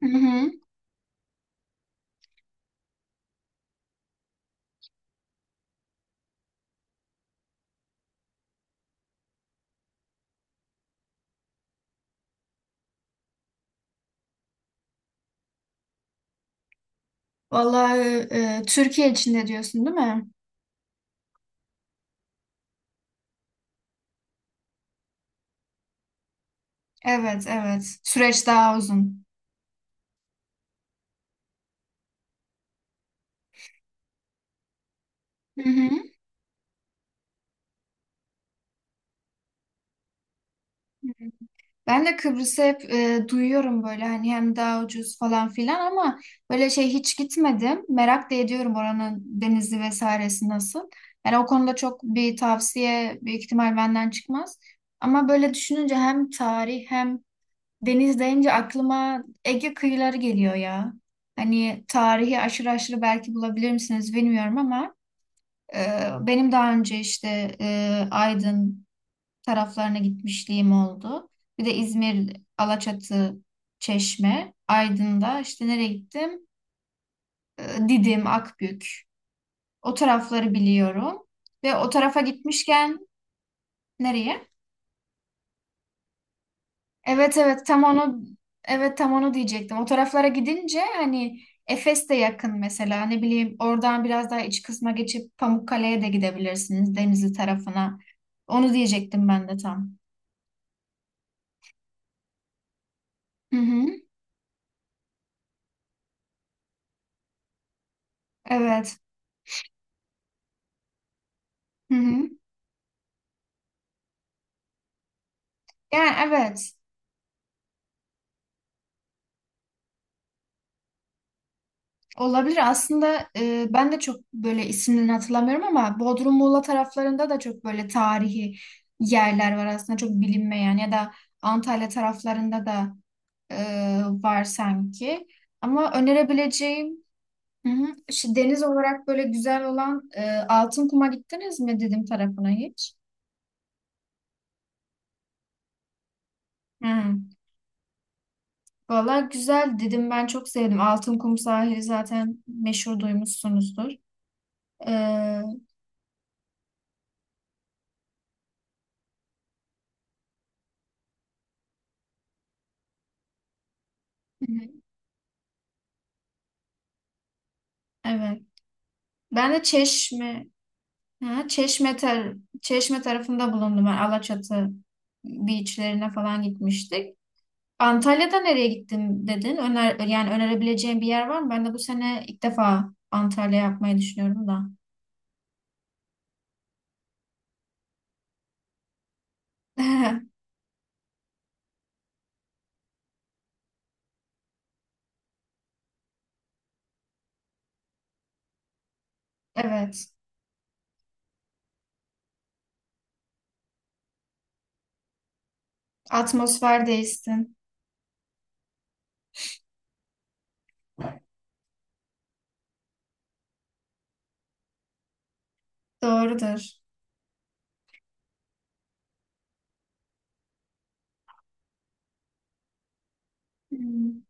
Hı hı. Vallahi Türkiye içinde diyorsun değil mi? Evet, evet. Süreç daha uzun. Hı hı. Ben de Kıbrıs'ı hep duyuyorum böyle hani hem daha ucuz falan filan ama böyle şey hiç gitmedim. Merak da ediyorum oranın denizi vesairesi nasıl. Yani o konuda çok bir tavsiye büyük ihtimal benden çıkmaz. Ama böyle düşününce hem tarih hem deniz deyince aklıma Ege kıyıları geliyor ya. Hani tarihi aşırı aşırı belki bulabilir misiniz bilmiyorum ama e, benim daha önce işte Aydın taraflarına gitmişliğim oldu. Bir de İzmir, Alaçatı, Çeşme, Aydın'da işte nereye gittim? Didim, Akbük. O tarafları biliyorum. Ve o tarafa gitmişken nereye? Evet, evet, tam onu, evet, tam onu diyecektim. O taraflara gidince hani Efes de yakın mesela ne bileyim oradan biraz daha iç kısma geçip Pamukkale'ye de gidebilirsiniz Denizli tarafına. Onu diyecektim ben de tam. Hı hı. Evet. Hı hı. Yani evet. Olabilir. Aslında ben de çok böyle isimlerini hatırlamıyorum ama Bodrum Muğla taraflarında da çok böyle tarihi yerler var aslında çok bilinmeyen ya da Antalya taraflarında da e, var sanki. Ama önerebileceğim hı hı, işte deniz olarak böyle güzel olan Altınkum'a gittiniz mi dedim tarafına hiç? Hı. Valla güzel dedim, ben çok sevdim. Altınkum sahili zaten meşhur, duymuşsunuzdur. Hı hı, evet. Ben de Çeşme, ha, Çeşme, tar Çeşme tarafında bulundum. Ben Alaçatı beachlerine falan gitmiştik. Antalya'da nereye gittin dedin? Öner, yani önerebileceğin bir yer var mı? Ben de bu sene ilk defa Antalya yapmayı düşünüyorum da. Evet. Atmosfer değişsin. Doğrudur. Hmm.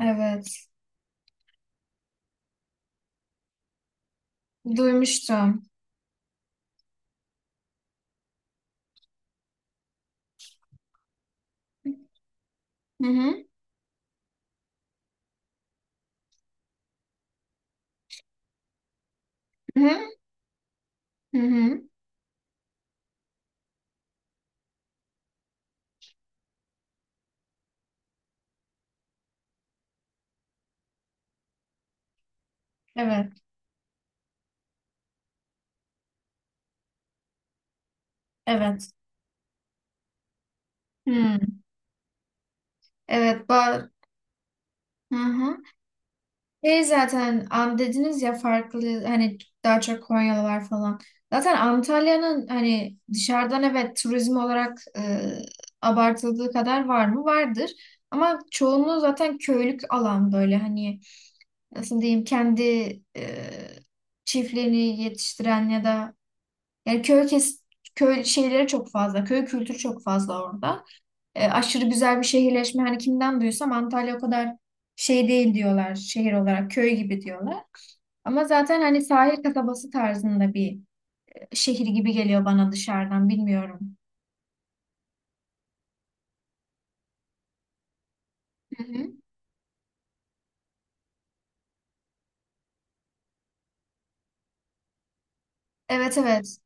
Evet. Duymuştum. Hı hı. Hı hı. Hı hı. Evet. Evet. Hmm. Evet. Hı hı. Şey zaten dediniz ya farklı, hani daha çok Konyalılar falan. Zaten Antalya'nın hani dışarıdan, evet, turizm olarak abartıldığı kadar var mı? Vardır. Ama çoğunluğu zaten köylük alan, böyle hani nasıl diyeyim, kendi e, çiftliğini yetiştiren ya da yani köy şeyleri çok fazla. Köy kültürü çok fazla orada. Aşırı güzel bir şehirleşme, hani kimden duysam Antalya o kadar şey değil diyorlar, şehir olarak köy gibi diyorlar. Ama zaten hani sahil kasabası tarzında bir şehir gibi geliyor bana dışarıdan, bilmiyorum. Hı hı. Evet, evet.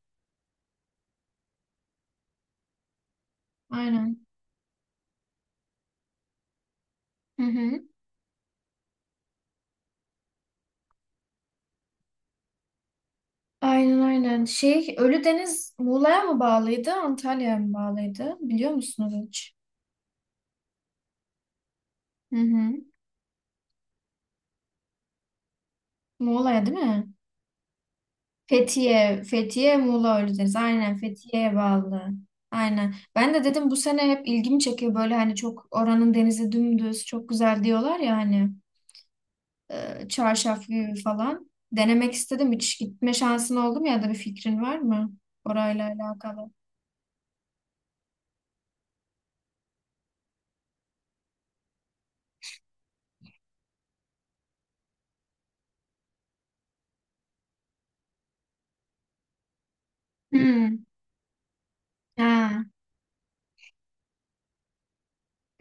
Aynen. Hı hı. Aynen, aynen. Şey, Ölüdeniz Muğla'ya mı bağlıydı, Antalya'ya mı bağlıydı? Biliyor musunuz hiç? Hı hı. Muğla'ya değil mi? Fethiye, Fethiye, Muğla Ölüdeniz. Aynen Fethiye'ye bağlı. Aynen. Ben de dedim bu sene hep ilgimi çekiyor böyle, hani çok oranın denizi dümdüz, çok güzel diyorlar ya hani. Çarşaf gibi falan. Denemek istedim. Hiç gitme şansın oldu mu ya da bir fikrin var mı orayla alakalı? Hmm. Ha,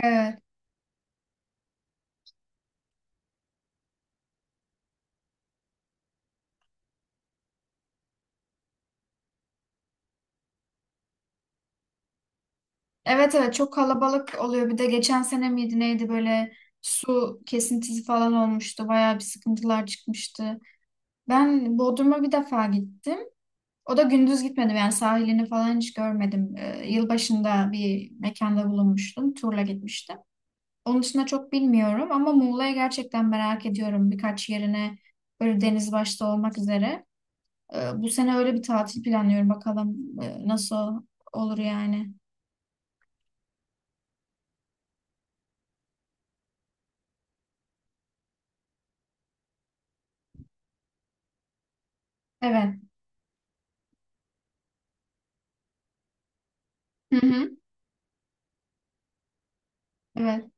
evet. Evet, evet, çok kalabalık oluyor. Bir de geçen sene miydi neydi, böyle su kesintisi falan olmuştu. Bayağı bir sıkıntılar çıkmıştı. Ben Bodrum'a bir defa gittim. O da gündüz gitmedim, yani sahilini falan hiç görmedim. Yılbaşında bir mekanda bulunmuştum. Turla gitmiştim. Onun dışında çok bilmiyorum ama Muğla'ya gerçekten merak ediyorum, birkaç yerine böyle, deniz başta olmak üzere. Bu sene öyle bir tatil planlıyorum, bakalım nasıl olur yani. Evet. Hı hı. Evet.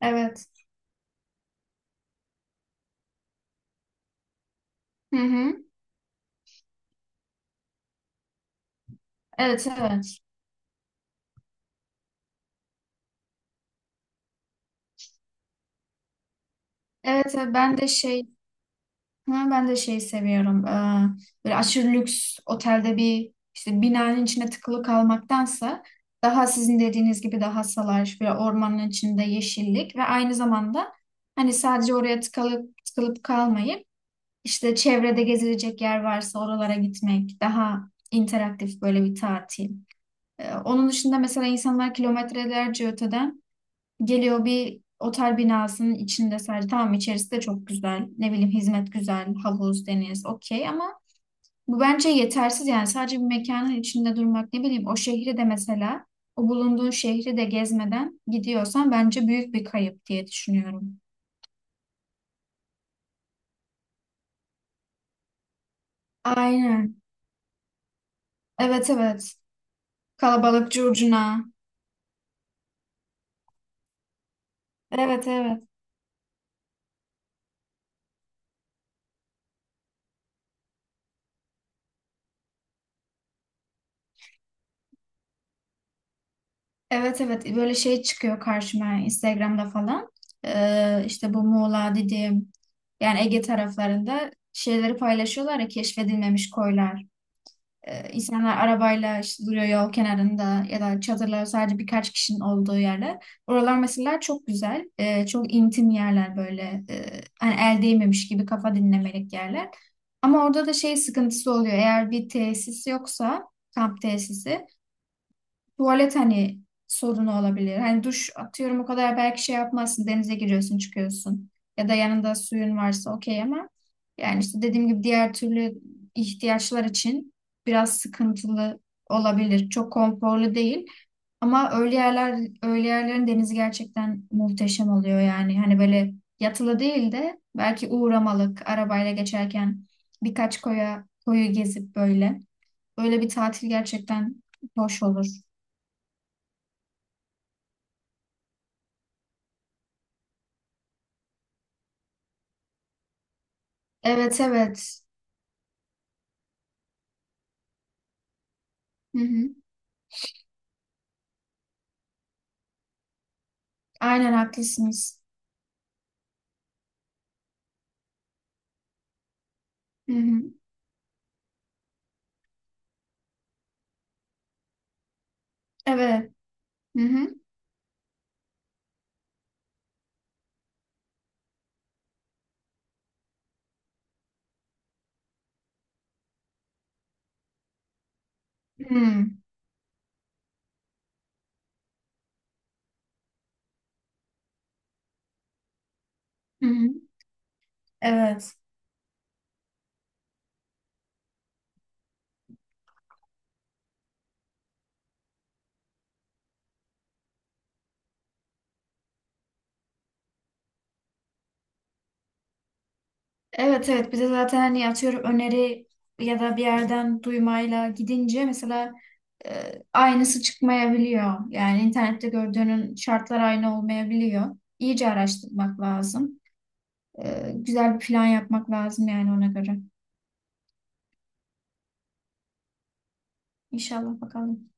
Evet. Hı hı. Evet, evet. Evet, evet. Ben de şey seviyorum. Böyle aşırı lüks otelde bir işte binanın içine tıkılı kalmaktansa daha sizin dediğiniz gibi daha salaş ve ormanın içinde, yeşillik, ve aynı zamanda hani sadece oraya tıkalıp tıkılıp kalmayıp işte çevrede gezilecek yer varsa oralara gitmek, daha interaktif böyle bir tatil. Onun dışında mesela insanlar kilometrelerce öteden geliyor bir otel binasının içinde sadece. Tamam, içerisi de çok güzel, ne bileyim hizmet güzel, havuz, deniz okey, ama bu bence yetersiz yani. Sadece bir mekanın içinde durmak, ne bileyim, o şehri de mesela, o bulunduğun şehri de gezmeden gidiyorsan bence büyük bir kayıp diye düşünüyorum. Aynen. Evet, evet. Kalabalık, curcuna. Evet, evet. Evet, evet, böyle şey çıkıyor karşıma Instagram'da falan. İşte bu Muğla dediğim, yani Ege taraflarında şeyleri paylaşıyorlar ya, keşfedilmemiş koylar. İnsanlar arabayla işte duruyor yol kenarında, ya da çadırlar, sadece birkaç kişinin olduğu yerler. Oralar mesela çok güzel. Çok intim yerler böyle. Hani el değmemiş gibi, kafa dinlemelik yerler. Ama orada da şey sıkıntısı oluyor. Eğer bir tesis yoksa, kamp tesisi, tuvalet hani sorunu olabilir. Hani duş atıyorum, o kadar, belki şey yapmazsın, denize giriyorsun çıkıyorsun. Ya da yanında suyun varsa okey, ama yani işte dediğim gibi diğer türlü ihtiyaçlar için biraz sıkıntılı olabilir. Çok konforlu değil. Ama öyle yerlerin denizi gerçekten muhteşem oluyor yani. Hani böyle yatılı değil de belki uğramalık, arabayla geçerken birkaç koyu gezip böyle. Böyle bir tatil gerçekten hoş olur. Evet, evet. Hı hı. Aynen, haklısınız. Hı hı. Evet. Hı hı. Hı hı. Hı. Evet. Evet, evet. Bir de zaten hani atıyorum öneri ya da bir yerden duymayla gidince mesela aynısı çıkmayabiliyor. Yani internette gördüğünün şartlar aynı olmayabiliyor. İyice araştırmak lazım. Güzel bir plan yapmak lazım yani ona göre. İnşallah bakalım.